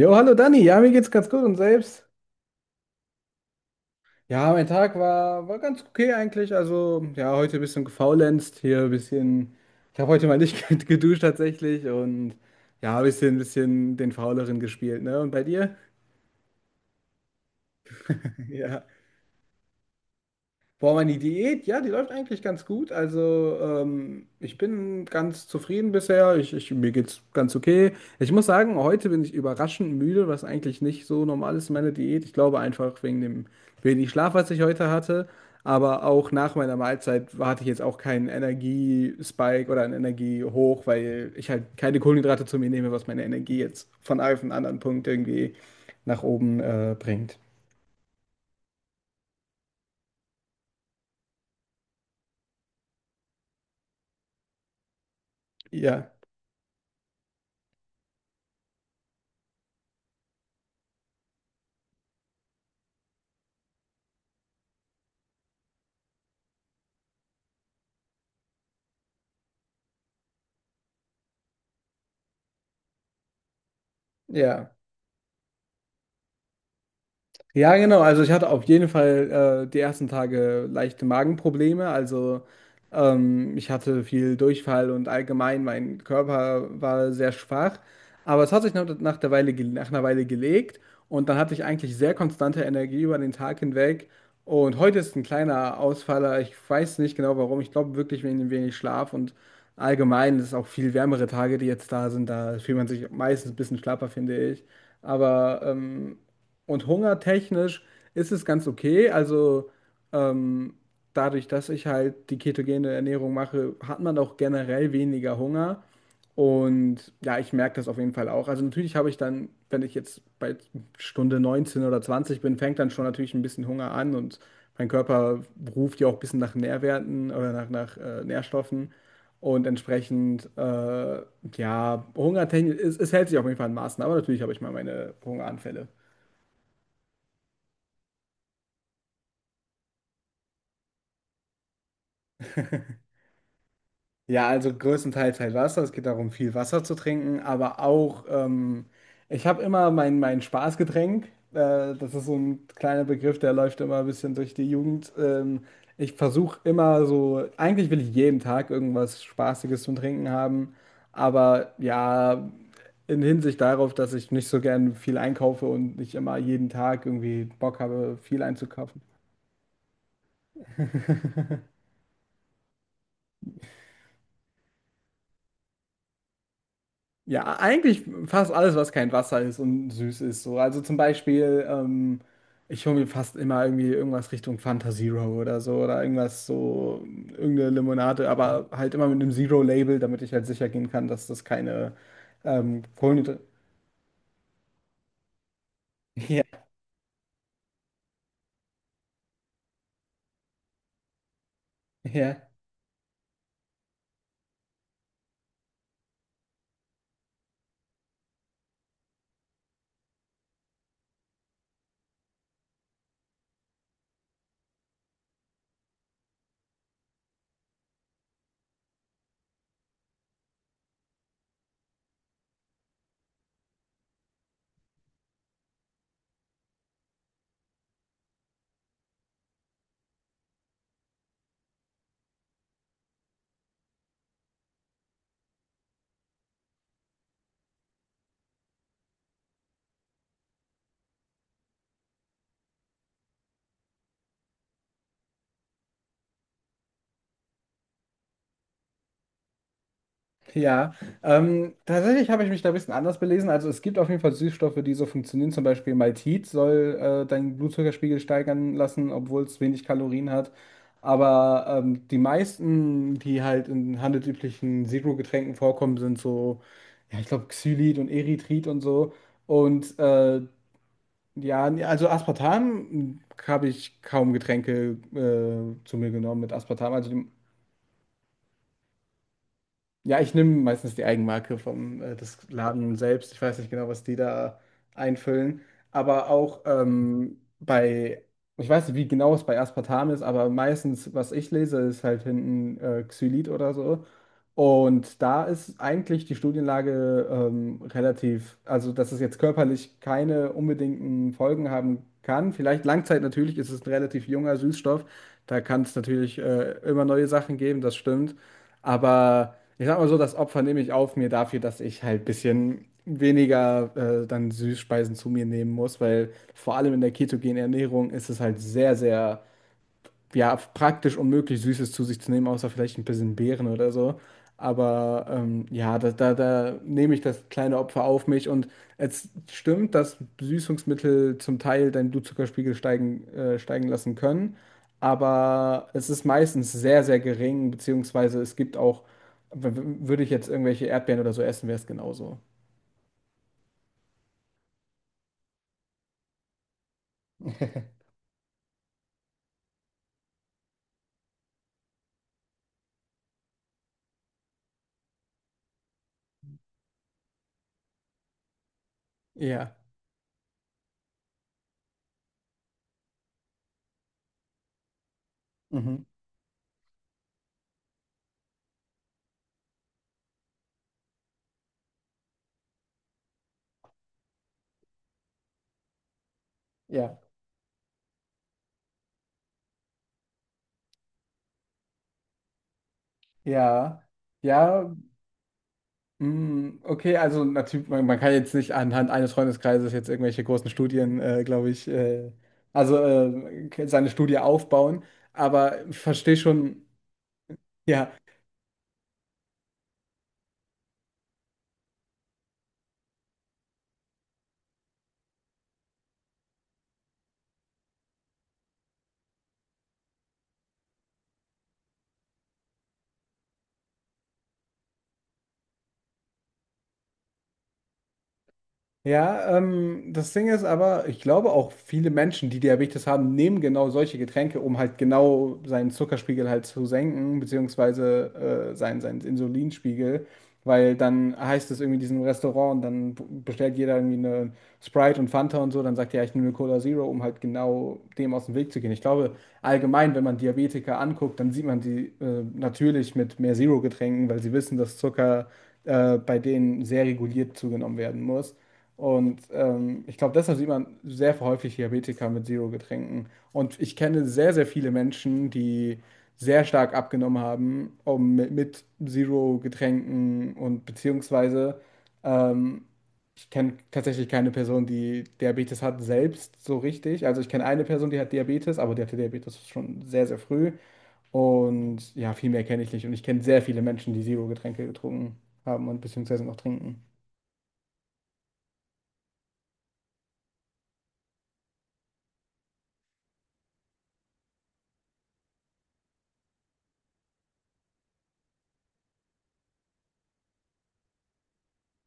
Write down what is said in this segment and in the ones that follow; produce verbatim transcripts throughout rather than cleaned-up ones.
Jo, hallo Dani, ja, mir geht's ganz gut und selbst? Ja, mein Tag war, war ganz okay eigentlich. Also, ja, heute ein bisschen gefaulenzt, hier ein bisschen. Ich habe heute mal nicht geduscht tatsächlich und ja, ein bisschen, bisschen den Fauleren gespielt, ne? Und bei dir? Ja. Boah, meine Diät, ja, die läuft eigentlich ganz gut. Also, ähm, ich bin ganz zufrieden bisher. Ich, ich, mir geht's ganz okay. Ich muss sagen, heute bin ich überraschend müde, was eigentlich nicht so normal ist in meiner Diät. Ich glaube einfach wegen dem wenig Schlaf, was ich heute hatte. Aber auch nach meiner Mahlzeit war- hatte ich jetzt auch keinen Energiespike oder einen Energiehoch, weil ich halt keine Kohlenhydrate zu mir nehme, was meine Energie jetzt von einem auf den anderen Punkt irgendwie nach oben, äh, bringt. Ja, ja. Ja, genau. Also ich hatte auf jeden Fall äh, die ersten Tage leichte Magenprobleme. Also ähm, ich hatte viel Durchfall und allgemein mein Körper war sehr schwach. Aber es hat sich nach, nach der Weile, ge- nach einer Weile gelegt, und dann hatte ich eigentlich sehr konstante Energie über den Tag hinweg. Und heute ist ein kleiner Ausfaller. Ich weiß nicht genau warum. Ich glaube wirklich wegen dem wenig Schlaf, und allgemein ist es auch viel wärmere Tage, die jetzt da sind. Da fühlt man sich meistens ein bisschen schlapper, finde ich. Aber ähm, und hungertechnisch ist es ganz okay. Also ähm, dadurch, dass ich halt die ketogene Ernährung mache, hat man auch generell weniger Hunger. Und ja, ich merke das auf jeden Fall auch. Also natürlich habe ich dann, wenn ich jetzt bei Stunde neunzehn oder zwanzig bin, fängt dann schon natürlich ein bisschen Hunger an, und mein Körper ruft ja auch ein bisschen nach Nährwerten oder nach, nach äh, Nährstoffen. Und entsprechend, äh, ja, hungertechnisch, es, es hält sich auf jeden Fall in Maßen, aber natürlich habe ich mal meine Hungeranfälle. Ja, also größtenteils halt Wasser. Es geht darum, viel Wasser zu trinken, aber auch, ähm, ich habe immer mein, mein Spaßgetränk. Äh, das ist so ein kleiner Begriff, der läuft immer ein bisschen durch die Jugend. Ähm, ich versuche immer so, eigentlich will ich jeden Tag irgendwas Spaßiges zum Trinken haben, aber ja, in Hinsicht darauf, dass ich nicht so gern viel einkaufe und nicht immer jeden Tag irgendwie Bock habe, viel einzukaufen. Ja, eigentlich fast alles, was kein Wasser ist und süß ist. So. Also zum Beispiel, ähm, ich hole mir fast immer irgendwie irgendwas Richtung Fanta Zero oder so oder irgendwas so, irgendeine Limonade, aber halt immer mit einem Zero-Label, damit ich halt sicher gehen kann, dass das keine ähm, Kohlenhydrate. Ja, ja. Ja, ähm, tatsächlich habe ich mich da ein bisschen anders belesen. Also es gibt auf jeden Fall Süßstoffe, die so funktionieren. Zum Beispiel Maltit soll äh, deinen Blutzuckerspiegel steigern lassen, obwohl es wenig Kalorien hat. Aber ähm, die meisten, die halt in handelsüblichen Zero-Getränken vorkommen, sind so, ja, ich glaube, Xylit und Erythrit und so. Und äh, ja, also Aspartam habe ich kaum Getränke äh, zu mir genommen mit Aspartam. Also. Ja, ich nehme meistens die Eigenmarke vom äh, des Laden selbst. Ich weiß nicht genau, was die da einfüllen. Aber auch, ähm, bei, ich weiß nicht, wie genau es bei Aspartam ist, aber meistens, was ich lese, ist halt hinten äh, Xylit oder so. Und da ist eigentlich die Studienlage ähm, relativ, also dass es jetzt körperlich keine unbedingten Folgen haben kann. Vielleicht Langzeit natürlich ist es ein relativ junger Süßstoff. Da kann es natürlich äh, immer neue Sachen geben, das stimmt. Aber ich sag mal so, das Opfer nehme ich auf mir dafür, dass ich halt ein bisschen weniger äh, dann Süßspeisen zu mir nehmen muss, weil vor allem in der ketogenen Ernährung ist es halt sehr, sehr ja, praktisch unmöglich, Süßes zu sich zu nehmen, außer vielleicht ein bisschen Beeren oder so. Aber ähm, ja, da, da, da nehme ich das kleine Opfer auf mich. Und es stimmt, dass Süßungsmittel zum Teil deinen Blutzuckerspiegel steigen, äh, steigen lassen können. Aber es ist meistens sehr, sehr gering, beziehungsweise es gibt auch, w- w- würde ich jetzt irgendwelche Erdbeeren oder so essen, wäre es genauso. Ja. Mhm. Ja. Ja. Ja. Mm, okay, also natürlich, man, man kann jetzt nicht anhand eines Freundeskreises jetzt irgendwelche großen Studien, äh, glaube ich, äh, also äh, seine Studie aufbauen, aber ich verstehe schon, ja. Ja, ähm, das Ding ist aber, ich glaube auch viele Menschen, die Diabetes haben, nehmen genau solche Getränke, um halt genau seinen Zuckerspiegel halt zu senken, beziehungsweise äh, seinen, seinen Insulinspiegel, weil dann heißt es irgendwie in diesem Restaurant, und dann b- bestellt jeder irgendwie eine Sprite und Fanta und so, dann sagt er, ja, ich nehme Cola Zero, um halt genau dem aus dem Weg zu gehen. Ich glaube, allgemein, wenn man Diabetiker anguckt, dann sieht man die äh, natürlich mit mehr Zero-Getränken, weil sie wissen, dass Zucker äh, bei denen sehr reguliert zugenommen werden muss. Und ähm, ich glaube, deshalb sieht man sehr häufig Diabetiker mit Zero-Getränken. Und ich kenne sehr, sehr viele Menschen, die sehr stark abgenommen haben, um mit, mit Zero-Getränken und beziehungsweise ähm, ich kenne tatsächlich keine Person, die Diabetes hat, selbst so richtig. Also ich kenne eine Person, die hat Diabetes, aber die hatte Diabetes schon sehr, sehr früh. Und ja, viel mehr kenne ich nicht. Und ich kenne sehr viele Menschen, die Zero-Getränke getrunken haben und beziehungsweise noch trinken.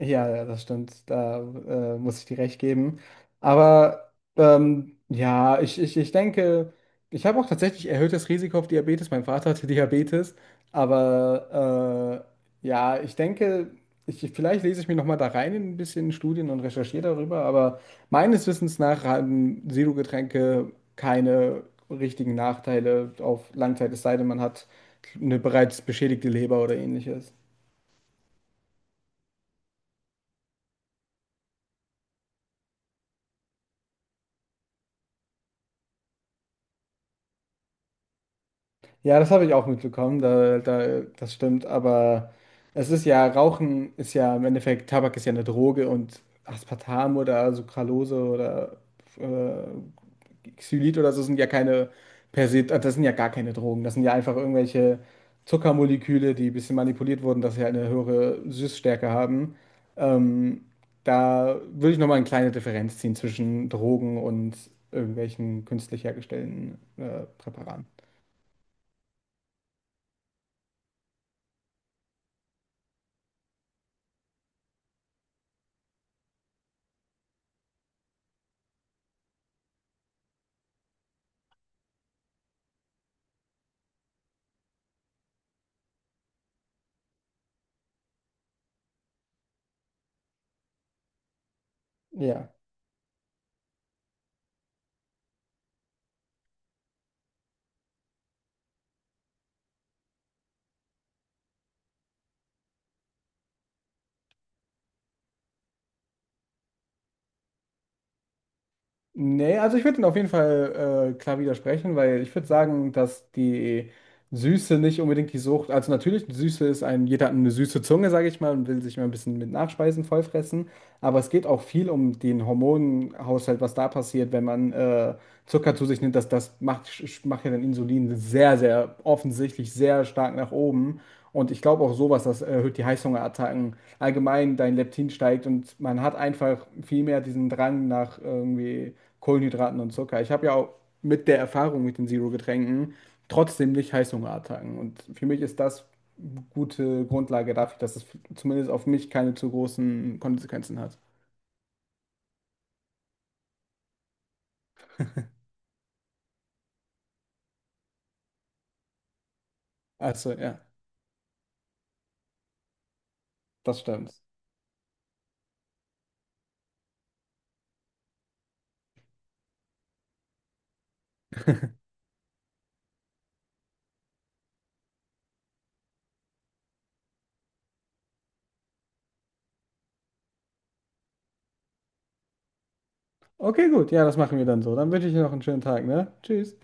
Ja, ja, das stimmt. Da äh, muss ich dir recht geben. Aber ähm, ja, ich, ich, ich denke, ich habe auch tatsächlich erhöhtes Risiko auf Diabetes. Mein Vater hatte Diabetes. Aber äh, ja, ich denke, ich, vielleicht lese ich mich nochmal da rein in ein bisschen Studien und recherchiere darüber. Aber meines Wissens nach haben Zero-Getränke keine richtigen Nachteile auf Langzeit, es sei denn, man hat eine bereits beschädigte Leber oder ähnliches. Ja, das habe ich auch mitbekommen, da, da, das stimmt, aber es ist ja, Rauchen ist ja im Endeffekt, Tabak ist ja eine Droge, und Aspartam oder Sucralose oder äh, Xylit oder so sind ja keine per se, äh, das sind ja gar keine Drogen, das sind ja einfach irgendwelche Zuckermoleküle, die ein bisschen manipuliert wurden, dass sie halt eine höhere Süßstärke haben. Ähm, da würde ich nochmal eine kleine Differenz ziehen zwischen Drogen und irgendwelchen künstlich hergestellten äh, Präparaten. Ja. Nee, also ich würde ihn auf jeden Fall äh, klar widersprechen, weil ich würde sagen, dass die Süße nicht unbedingt die Sucht, also natürlich, die Süße ist ein, jeder hat eine süße Zunge, sage ich mal, und will sich mal ein bisschen mit Nachspeisen vollfressen, aber es geht auch viel um den Hormonhaushalt, was da passiert, wenn man äh, Zucker zu sich nimmt, das, das macht, sch- macht ja dann Insulin sehr, sehr offensichtlich sehr stark nach oben. Und ich glaube auch sowas, das erhöht die Heißhungerattacken. Allgemein dein Leptin steigt, und man hat einfach viel mehr diesen Drang nach irgendwie Kohlenhydraten und Zucker. Ich habe ja auch mit der Erfahrung mit den Zero-Getränken trotzdem nicht Heißhungerattacken. Und für mich ist das eine gute Grundlage dafür, dass es zumindest auf mich keine zu großen Konsequenzen hat. Also ja, das stimmt. Okay, gut, ja, das machen wir dann so. Dann wünsche ich dir noch einen schönen Tag, ne? Tschüss.